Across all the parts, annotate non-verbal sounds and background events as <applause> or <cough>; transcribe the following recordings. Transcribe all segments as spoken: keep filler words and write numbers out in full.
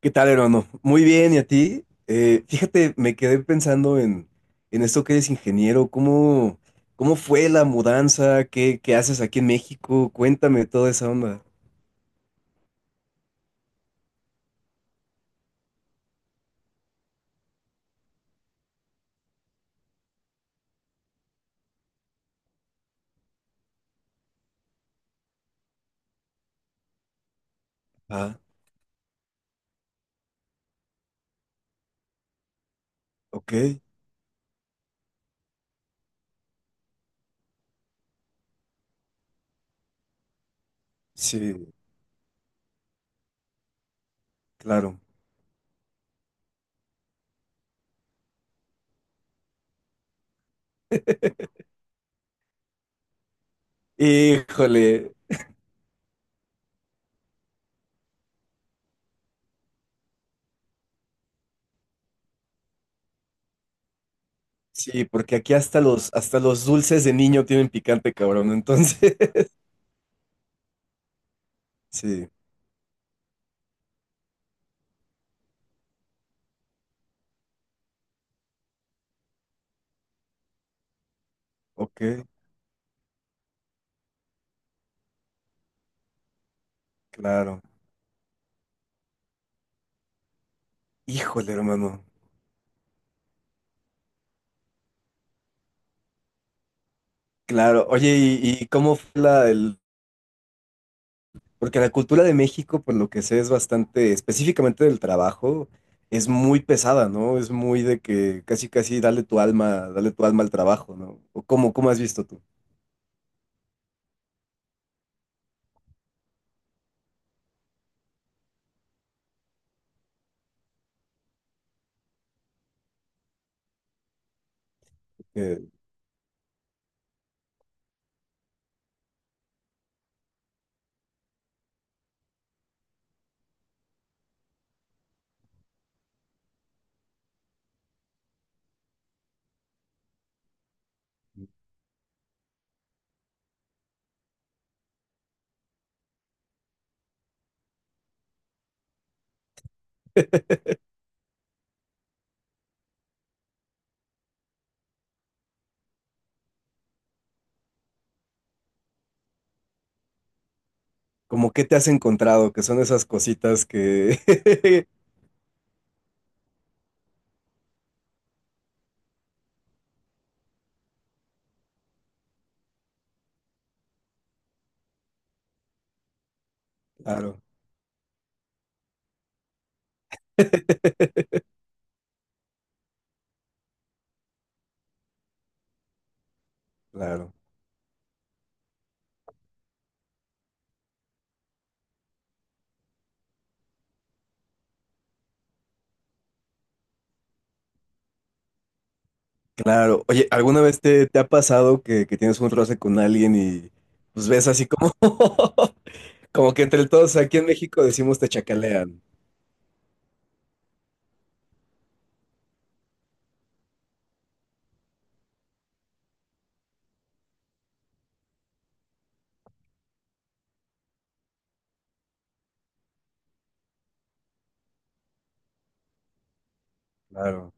¿Qué tal, hermano? Muy bien, ¿y a ti? Eh, fíjate, me quedé pensando en, en esto que eres ingeniero, ¿cómo, ¿cómo fue la mudanza? ¿Qué, ¿qué haces aquí en México? Cuéntame toda esa onda. Ah, ok, sí, claro. Híjole, sí, porque aquí hasta los, hasta los dulces de niño tienen picante, cabrón, entonces, <laughs> sí, ok, claro. Híjole, hermano, claro. Oye, ¿y, ¿y cómo fue la, el- Porque la cultura de México, por lo que sé, es bastante, específicamente del trabajo, es muy pesada, ¿no? Es muy de que casi, casi dale tu alma, dale tu alma al trabajo, ¿no? ¿O cómo, cómo has visto tú? Eh, ¿cómo qué te has encontrado? Que son esas cositas que... <laughs> Claro, claro, claro. Oye, ¿alguna vez te, ¿te ha pasado que, que tienes un roce con alguien y pues ves así como... <laughs> como que entre todos aquí en México decimos te chacalean? Claro.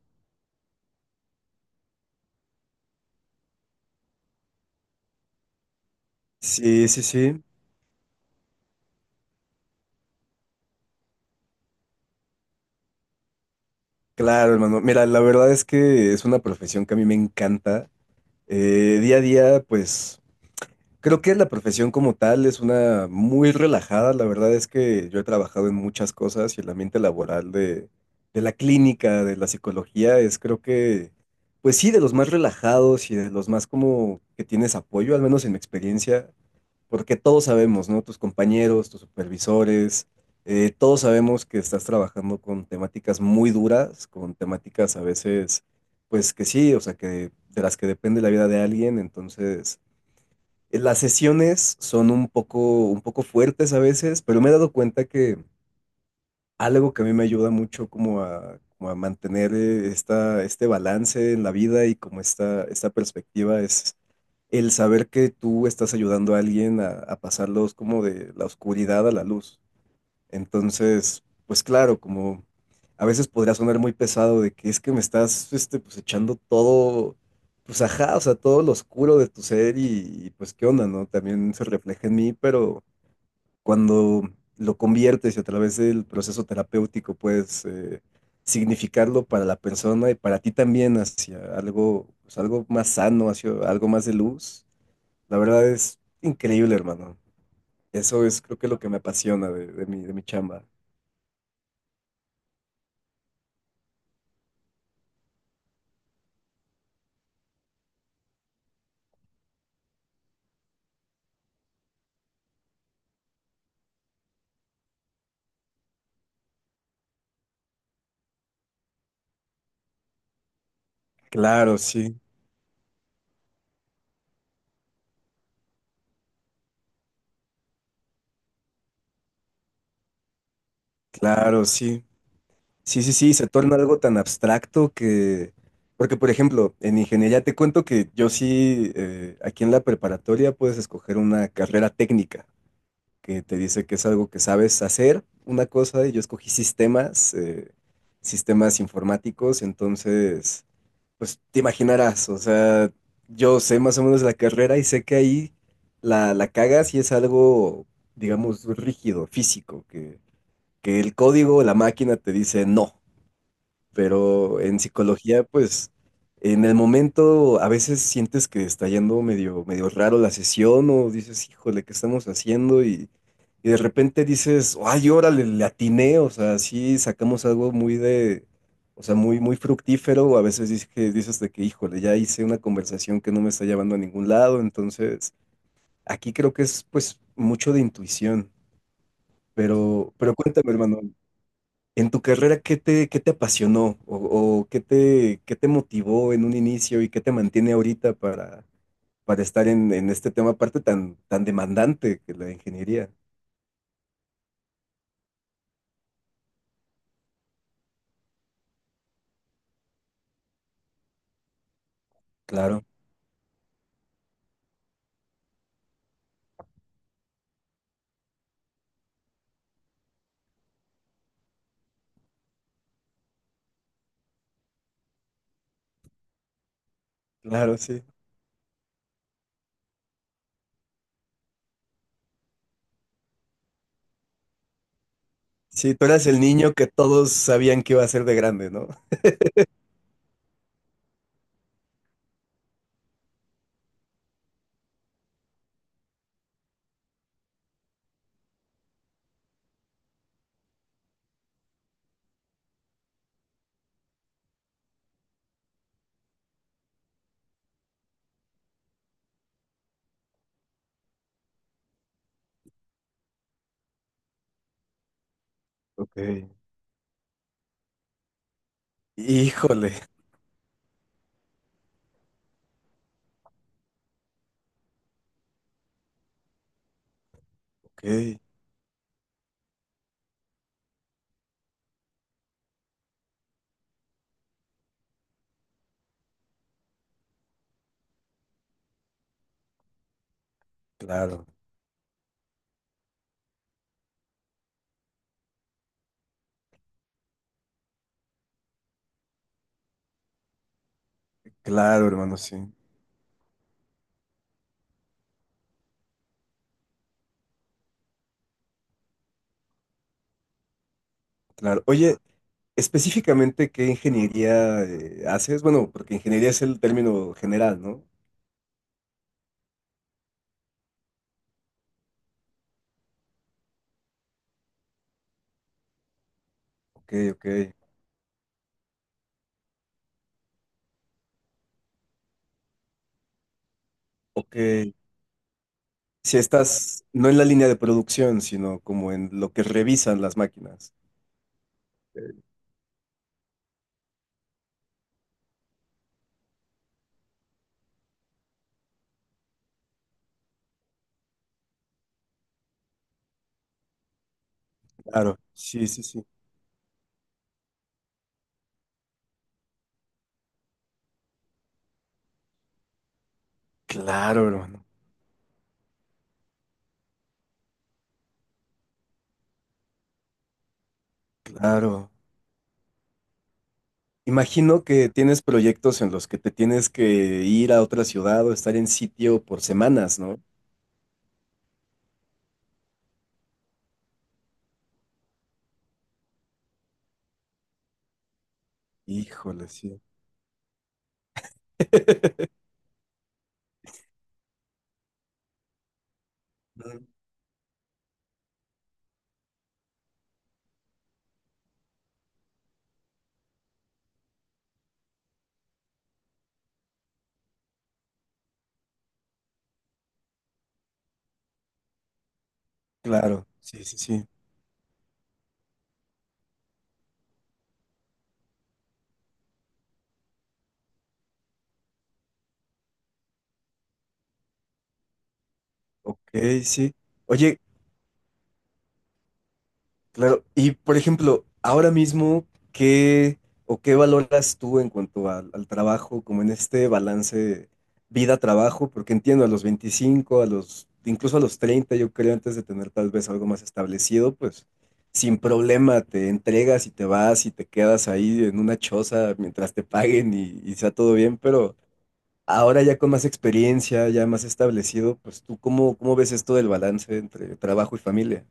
Sí, sí, sí. Claro, hermano. Mira, la verdad es que es una profesión que a mí me encanta. Eh, día a día, pues creo que la profesión como tal es una muy relajada. La verdad es que yo he trabajado en muchas cosas y el ambiente laboral de, de la clínica, de la psicología, es creo que, pues sí, de los más relajados y de los más como que tienes apoyo, al menos en mi experiencia. Porque todos sabemos, ¿no? Tus compañeros, tus supervisores, eh, todos sabemos que estás trabajando con temáticas muy duras, con temáticas a veces, pues que sí, o sea, que de las que depende la vida de alguien. Entonces, eh, las sesiones son un poco, un poco fuertes a veces, pero me he dado cuenta que algo que a mí me ayuda mucho como a, como a mantener eh, esta, este balance en la vida y como esta, esta perspectiva es el saber que tú estás ayudando a alguien a, a pasarlos como de la oscuridad a la luz. Entonces, pues claro, como a veces podría sonar muy pesado de que es que me estás este, pues echando todo, pues ajá, o sea, todo lo oscuro de tu ser y, y, pues qué onda, ¿no? También se refleja en mí, pero cuando lo conviertes y a través del proceso terapéutico puedes eh, significarlo para la persona y para ti también hacia algo, pues algo más sano, hacia algo más de luz, la verdad es increíble, hermano. Eso es creo que lo que me apasiona de, de mi, de mi chamba. Claro, sí, claro, sí. Sí, sí, sí, se torna algo tan abstracto que... Porque, por ejemplo, en ingeniería te cuento que yo sí, eh, aquí en la preparatoria puedes escoger una carrera técnica, que te dice que es algo que sabes hacer, una cosa, y yo escogí sistemas, eh, sistemas informáticos, entonces, pues te imaginarás, o sea, yo sé más o menos la carrera y sé que ahí la, la cagas y es algo, digamos, rígido, físico, que, que el código, la máquina te dice no. Pero en psicología, pues, en el momento a veces sientes que está yendo medio, medio raro la sesión o dices, híjole, ¿qué estamos haciendo? Y, y de repente dices, ay, órale, le atiné, o sea, sí sacamos algo muy de, o sea, muy, muy fructífero, o a veces dices que, dices de que, híjole, ya hice una conversación que no me está llevando a ningún lado, entonces, aquí creo que es, pues, mucho de intuición, pero, pero cuéntame, hermano, en tu carrera, ¿qué te, ¿qué te apasionó o, o qué te, qué te motivó en un inicio y qué te mantiene ahorita para, para estar en, en este tema, aparte tan, tan demandante que la ingeniería? Claro, claro, sí. Sí, tú eras el niño que todos sabían que iba a ser de grande, ¿no? Ok. Híjole, ok. Claro, claro, hermano, sí. Claro. Oye, específicamente, ¿qué ingeniería eh, haces? Bueno, porque ingeniería es el término general, ¿no? Ok, ok. Ok, si estás no en la línea de producción, sino como en lo que revisan las máquinas. Eh, Claro, sí, sí, sí. Claro, hermano, claro. Imagino que tienes proyectos en los que te tienes que ir a otra ciudad o estar en sitio por semanas, ¿no? Híjole, sí. <laughs> Mm, claro, sí, sí, sí. Ok, sí. Oye, claro, y por ejemplo, ahora mismo, ¿qué o qué valoras tú en cuanto al, al trabajo, como en este balance vida-trabajo? Porque entiendo, a los veinticinco, a los, incluso a los treinta, yo creo, antes de tener tal vez algo más establecido, pues sin problema te entregas y te vas y te quedas ahí en una choza mientras te paguen y, y sea todo bien, pero ahora ya con más experiencia, ya más establecido, pues tú, ¿cómo, cómo ves esto del balance entre trabajo y familia?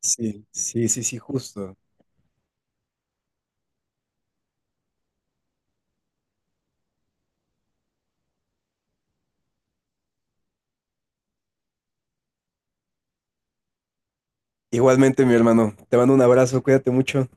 Sí, sí, sí, sí, justo. Igualmente, mi hermano. Te mando un abrazo, cuídate mucho.